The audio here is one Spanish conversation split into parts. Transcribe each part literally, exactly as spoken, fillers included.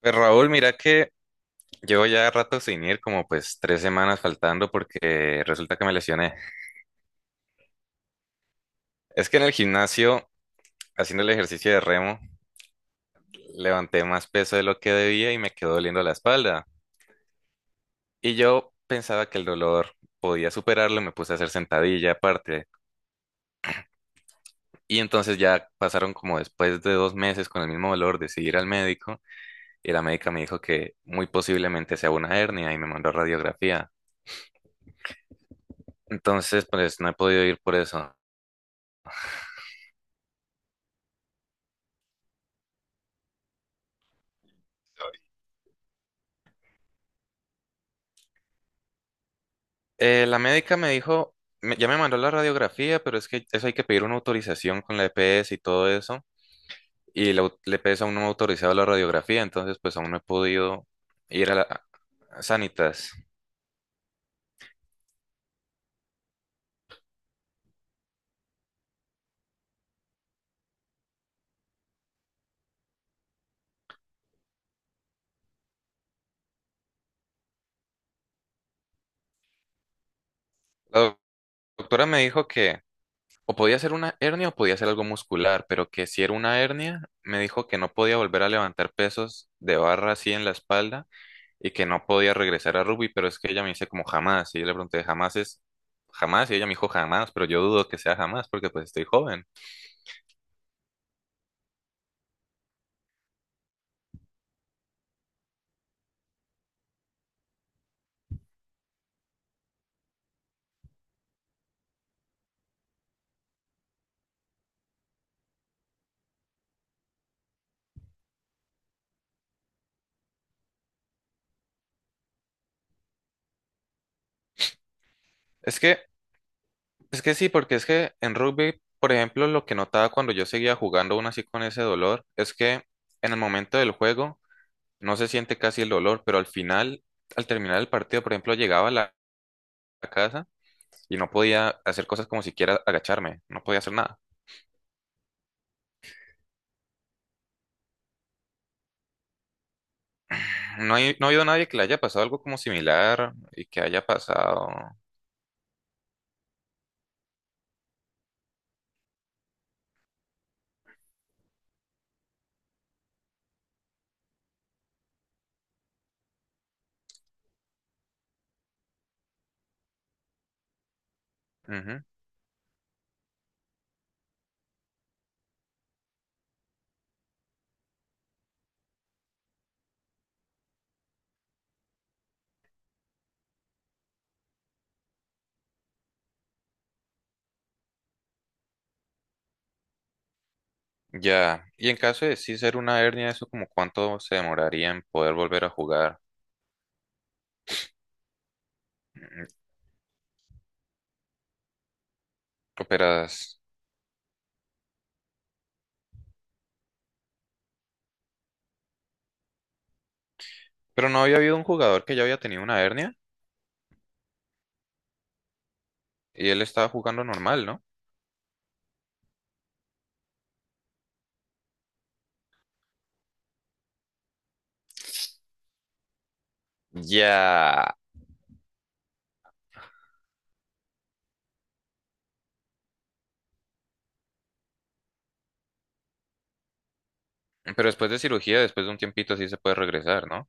Pues Raúl, mira que llevo ya rato sin ir, como pues tres semanas faltando porque resulta que me lesioné. Es que en el gimnasio, haciendo el ejercicio de remo, levanté más peso de lo que debía y me quedó doliendo la espalda. Y yo pensaba que el dolor podía superarlo, me puse a hacer sentadilla aparte. Y entonces ya pasaron como después de dos meses con el mismo dolor, decidí ir al médico y la médica me dijo que muy posiblemente sea una hernia y me mandó a radiografía. Entonces, pues no he podido ir por eso. Eh, la médica me dijo, me- ya me mandó la radiografía, pero es que eso hay que pedir una autorización con la E P S y todo eso. Y la, au- la E P S aún no me ha autorizado la radiografía, entonces pues aún no he podido ir a la a Sanitas. La doc- Doctora me dijo que, o podía ser una hernia o podía ser algo muscular, pero que si era una hernia, me dijo que no podía volver a levantar pesos de barra así en la espalda y que no podía regresar a rugby, pero es que ella me dice como jamás, y yo le pregunté, jamás es jamás, y ella me dijo jamás, pero yo dudo que sea jamás porque pues estoy joven. Es que, es que sí, porque es que en rugby, por ejemplo, lo que notaba cuando yo seguía jugando aún así con ese dolor, es que en el momento del juego no se siente casi el dolor, pero al final, al terminar el partido, por ejemplo, llegaba a la a casa y no podía hacer cosas como siquiera agacharme, no podía hacer nada. No, hay, no ha habido nadie que le haya pasado algo como similar y que haya pasado. Ujú. Ya, y en caso de sí ser una hernia, eso como cuánto se demoraría en poder volver a jugar. Mm. Operas. Pero no había habido un jugador que ya había tenido una hernia y él estaba jugando normal, ¿no? Ya. Pero después de cirugía, después de un tiempito, sí se puede regresar, ¿no?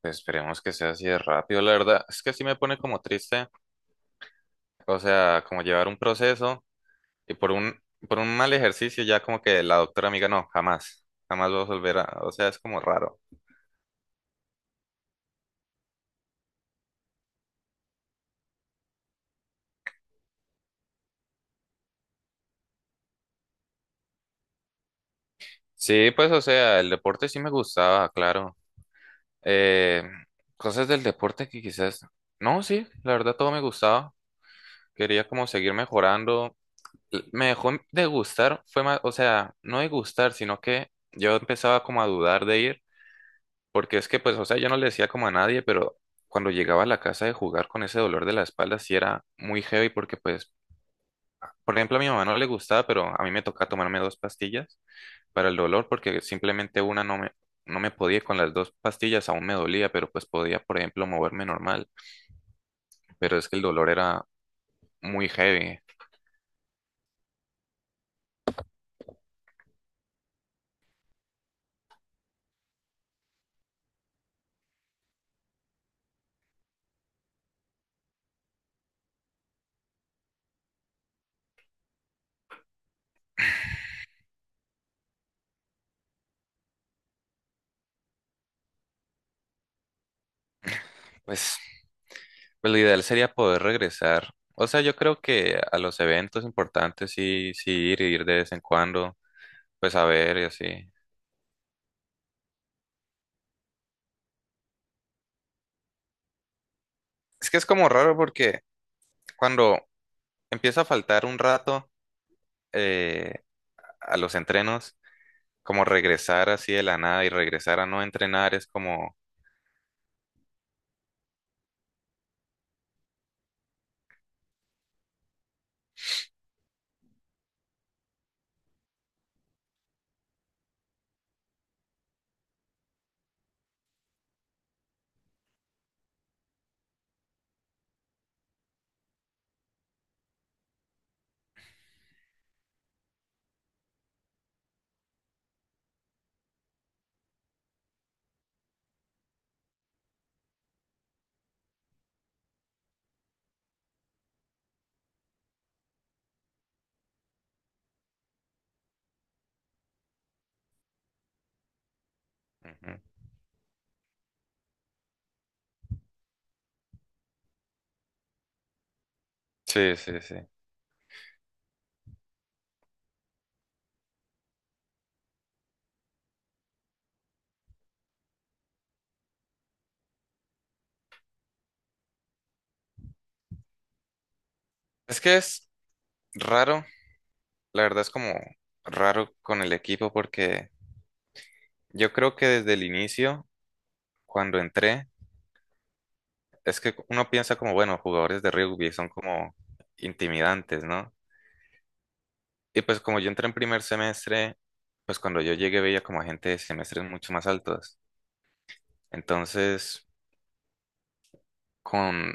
Pues esperemos que sea así de rápido, la verdad. Es que sí me pone como triste. O sea, como llevar un proceso. Y por un, por un mal ejercicio ya como que la doctora amiga, no, jamás, jamás vas a volver a, o sea, es como raro. Sí, pues, o sea, el deporte sí me gustaba, claro. Eh, cosas del deporte que quizás, no, sí, la verdad todo me gustaba. Quería como seguir mejorando. L- Me dejó de gustar, fue más, o sea, no de gustar, sino que yo empezaba como a dudar de ir, porque es que, pues, o sea, yo no le decía como a nadie, pero cuando llegaba a la casa de jugar con ese dolor de la espalda, sí era muy heavy, porque pues, por ejemplo, a mi mamá no le gustaba, pero a mí me tocaba tomarme dos pastillas para el dolor porque simplemente una no me, no me podía, y con las dos pastillas, aún me dolía, pero pues podía, por ejemplo, moverme normal, pero es que el dolor era muy heavy. Pues, pues lo ideal sería poder regresar. O sea, yo creo que a los eventos importantes sí, sí ir, ir de vez en cuando, pues a ver y así. Es que es como raro porque cuando empieza a faltar un rato eh, a los entrenos, como regresar así de la nada y regresar a no entrenar es como... Ujú. Sí, sí, sí. Es que es raro, la verdad es como raro con el equipo porque yo creo que desde el inicio, cuando entré, es que uno piensa como, bueno, jugadores de rugby son como intimidantes, ¿no? Y pues como yo entré en primer semestre, pues cuando yo llegué veía como a gente de semestres mucho más altos. Entonces, con...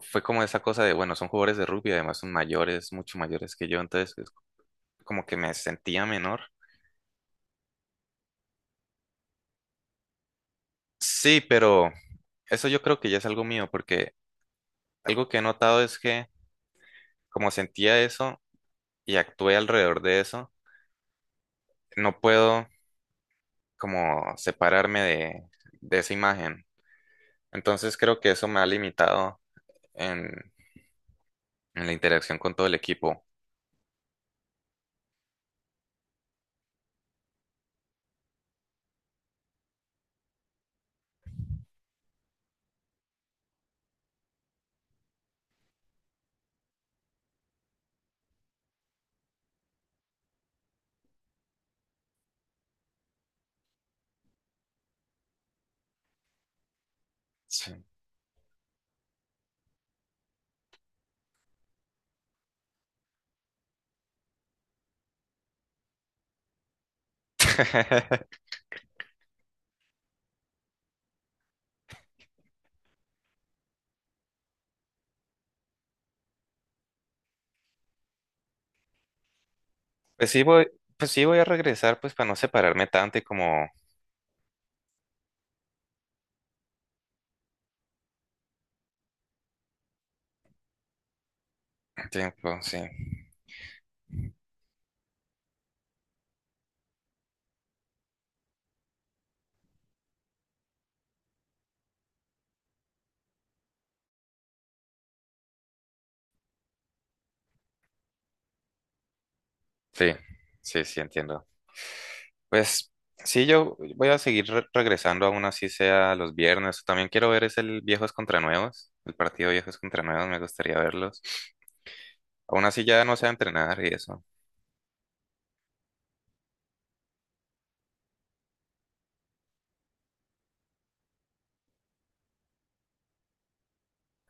fue como esa cosa de, bueno, son jugadores de rugby, además son mayores, mucho mayores que yo, entonces como que me sentía menor. Sí, pero eso yo creo que ya es algo mío, porque algo que he notado es que como sentía eso y actué alrededor de eso, no puedo como separarme de, de esa imagen. Entonces creo que eso me ha limitado en, en la interacción con todo el equipo. Sí. Pues sí voy, pues sí voy a regresar pues para no separarme tanto y como tiempo, sí. Sí, sí, sí, entiendo. Pues sí, yo voy a seguir re- regresando, aún así sea los viernes. También quiero ver es el Viejos contra Nuevos, el partido Viejos contra Nuevos, me gustaría verlos. Aún así ya no sé entrenar y eso.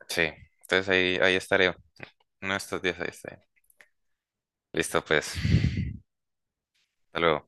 Sí, entonces ahí, ahí estaré. Uno de estos días ahí estaré. Listo, pues. Hasta luego.